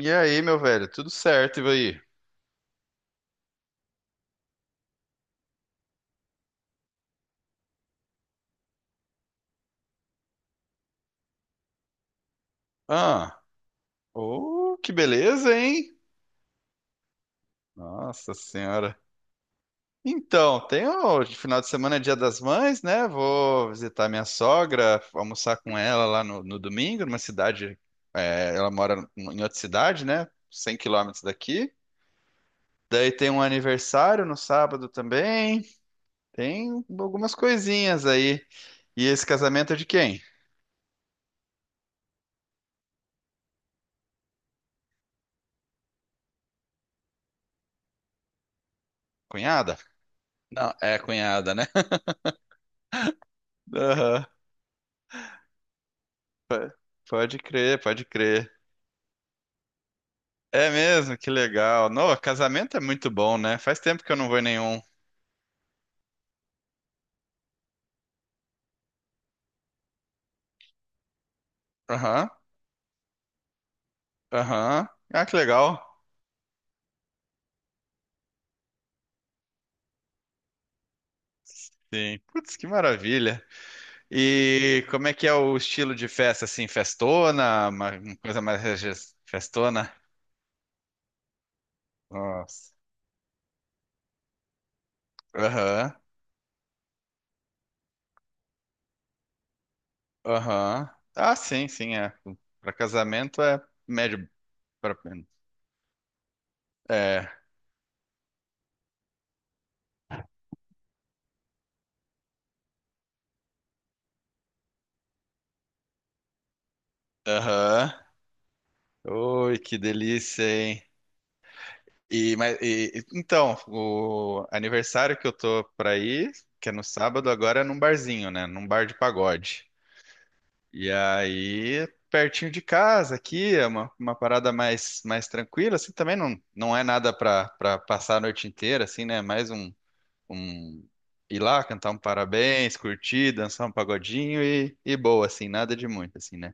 E aí, meu velho, tudo certo, e aí? Ah, oh, que beleza, hein? Nossa Senhora. Então, tem o final de semana é Dia das Mães, né? Vou visitar minha sogra, almoçar com ela lá no domingo, numa cidade. É, ela mora em outra cidade, né? 100 quilômetros daqui. Daí tem um aniversário no sábado também. Tem algumas coisinhas aí. E esse casamento é de quem? Cunhada? Não, é cunhada, né? Aham. P- Pode crer, pode crer. É mesmo, que legal. No casamento é muito bom, né? Faz tempo que eu não vou em nenhum. Aham, aham. Ah, que legal. Sim. Putz, que maravilha. E como é que é o estilo de festa, assim? Festona? Uma coisa mais festona? Nossa. Aham, aham. Ah, sim, sim, é. Para casamento é médio. pra- É. Aham. Oi, que delícia, hein? E, mas, então, o aniversário que eu tô pra ir, que é no sábado, agora é num barzinho, né? Num bar de pagode. E aí, pertinho de casa aqui, é uma parada mais tranquila, assim, também não é nada pra passar a noite inteira, assim, né? Mais um ir lá, cantar um parabéns, curtir, dançar um pagodinho e boa, assim, nada de muito, assim, né?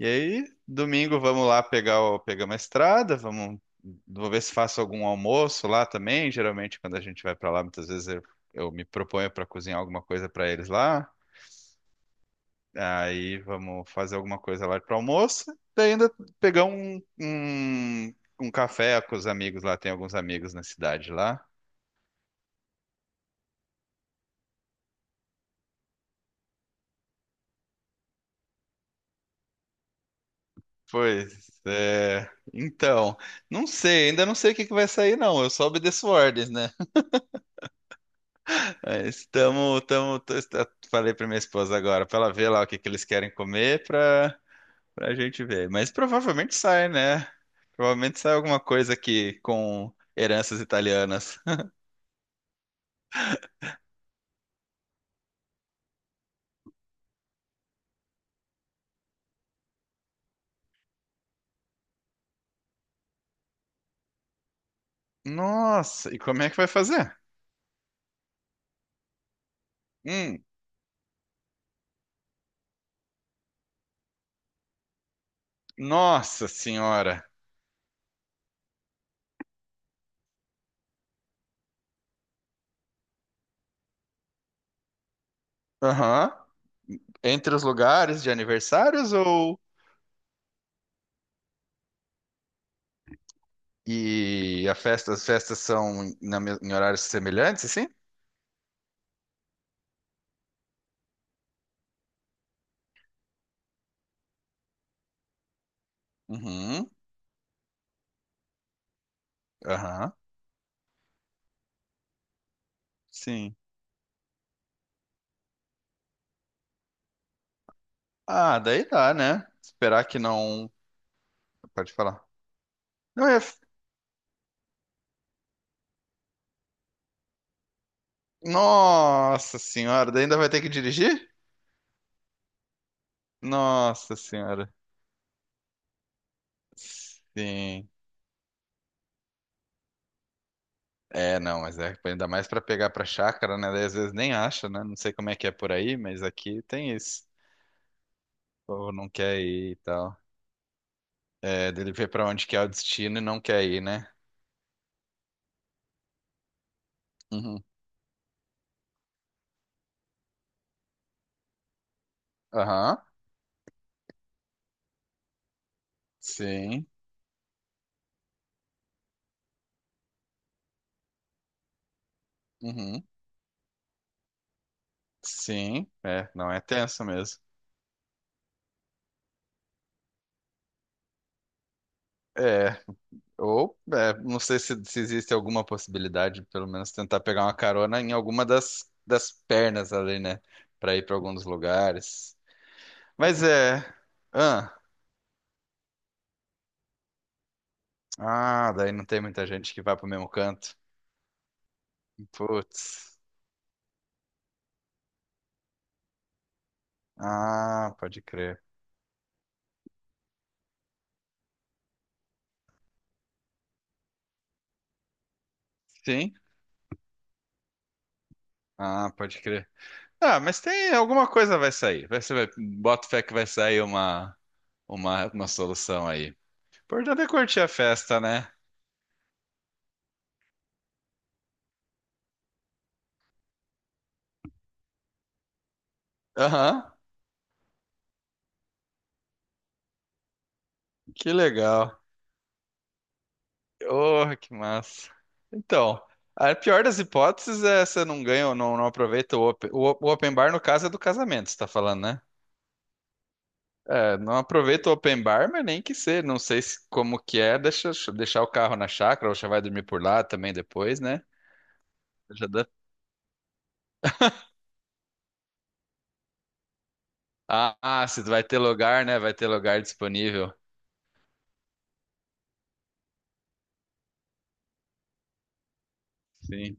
E aí, domingo vamos lá pegar uma estrada, vou ver se faço algum almoço lá também. Geralmente, quando a gente vai para lá, muitas vezes eu me proponho para cozinhar alguma coisa para eles lá. Aí vamos fazer alguma coisa lá para almoço. Daí ainda pegar um café com os amigos lá. Tem alguns amigos na cidade lá. Pois é. Então, não sei, ainda não sei o que que vai sair, não. Eu só obedeço ordens, né? É, falei para minha esposa agora, para ela ver lá o que que eles querem comer para a gente ver. Mas provavelmente sai, né? Provavelmente sai alguma coisa aqui com heranças italianas. Nossa, e como é que vai fazer? Hum. Nossa senhora. Aham. Entre os lugares de aniversários ou e a festa, as festas são na em horários semelhantes, assim? Uhum. Aham. Sim. Ah, daí dá, né? Esperar que não. Pode falar. Não é. Nossa senhora, daí ainda vai ter que dirigir? Nossa senhora. Sim. É, não, mas é ainda mais pra pegar pra chácara, né? Daí às vezes nem acha, né? Não sei como é que é por aí, mas aqui tem isso. O povo não quer ir e tal. É, dele ver pra onde que é o destino e não quer ir, né? Uhum. Aham. Sim. Uhum. Sim. É, não é tenso mesmo. É. Ou, é, não sei se, existe alguma possibilidade, pelo menos tentar pegar uma carona em alguma das pernas ali, né? Pra ir pra algum dos lugares. Mas é. Ah, ah, daí não tem muita gente que vai pro mesmo canto. Putz. Ah, pode crer. Sim? Ah, pode crer. Ah, mas tem alguma coisa vai sair. Vai ser, bota fé que vai sair uma solução aí. O importante é curtir a festa, né? Aham, que legal. Oh, que massa. Então, a pior das hipóteses é você não ganha ou não aproveita o open bar, no caso, é do casamento, você tá falando, né? É, não aproveita o open bar, mas nem que ser. Não sei se, como que é, deixar o carro na chácara, ou já vai dormir por lá também depois, né? Já dá- Ah, ah, se vai ter lugar, né? Vai ter lugar disponível. Sim,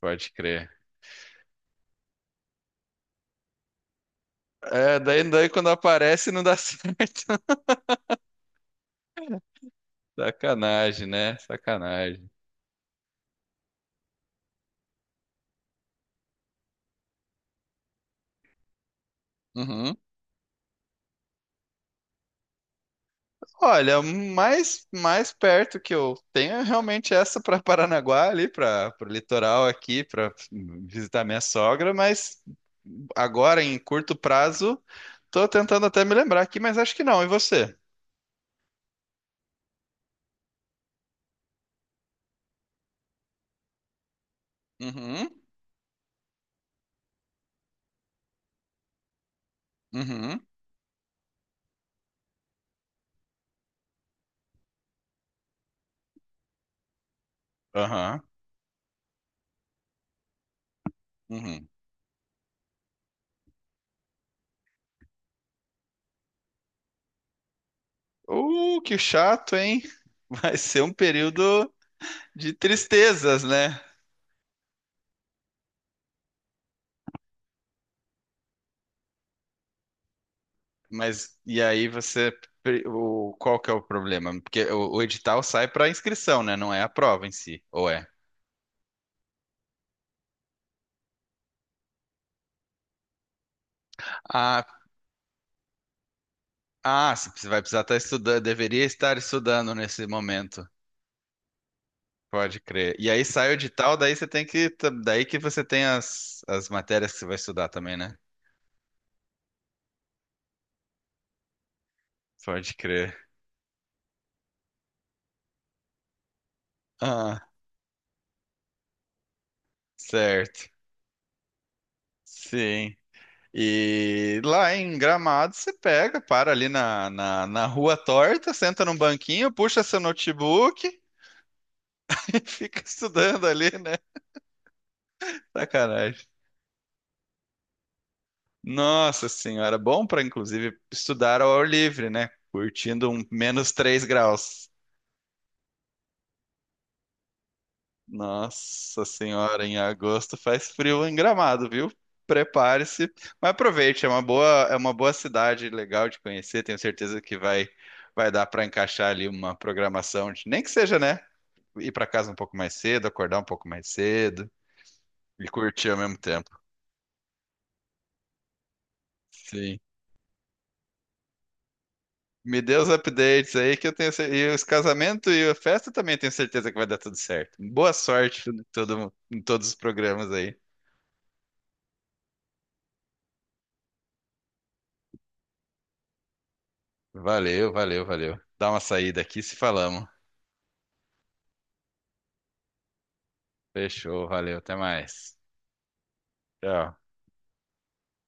pode crer. É, daí quando aparece não dá certo. Sacanagem, né? Sacanagem. Uhum. Olha, mais perto que eu tenho é realmente essa para Paranaguá, ali para o litoral aqui, para visitar minha sogra, mas agora em curto prazo, tô tentando até me lembrar aqui, mas acho que não. E você? Uhum, uhum, aham, uhum. Que chato, hein? Vai ser um período de tristezas, né? Mas e aí você, qual que é o problema? Porque o edital sai para inscrição, né? Não é a prova em si, ou é? Ah, ah, você vai precisar estar estudando, deveria estar estudando nesse momento. Pode crer. E aí sai o edital, daí que você tem as matérias que você vai estudar também, né? Pode crer. Ah, certo. Sim. E lá em Gramado você para ali na rua torta, senta num banquinho, puxa seu notebook e fica estudando ali, né? Sacanagem. Nossa senhora, bom para inclusive estudar ao ar livre, né? Curtindo um -3 graus. Nossa senhora, em agosto faz frio em Gramado, viu? Prepare-se, mas aproveite, é uma boa cidade legal de conhecer, tenho certeza que vai dar para encaixar ali uma programação, nem que seja, né? Ir para casa um pouco mais cedo, acordar um pouco mais cedo e curtir ao mesmo tempo. Sim. Me dê os updates aí que eu tenho e os casamentos e a festa também tenho certeza que vai dar tudo certo. Boa sorte em em todos os programas aí. Valeu, valeu, valeu. Dá uma saída aqui se falamos. Fechou, valeu, até mais. Tchau.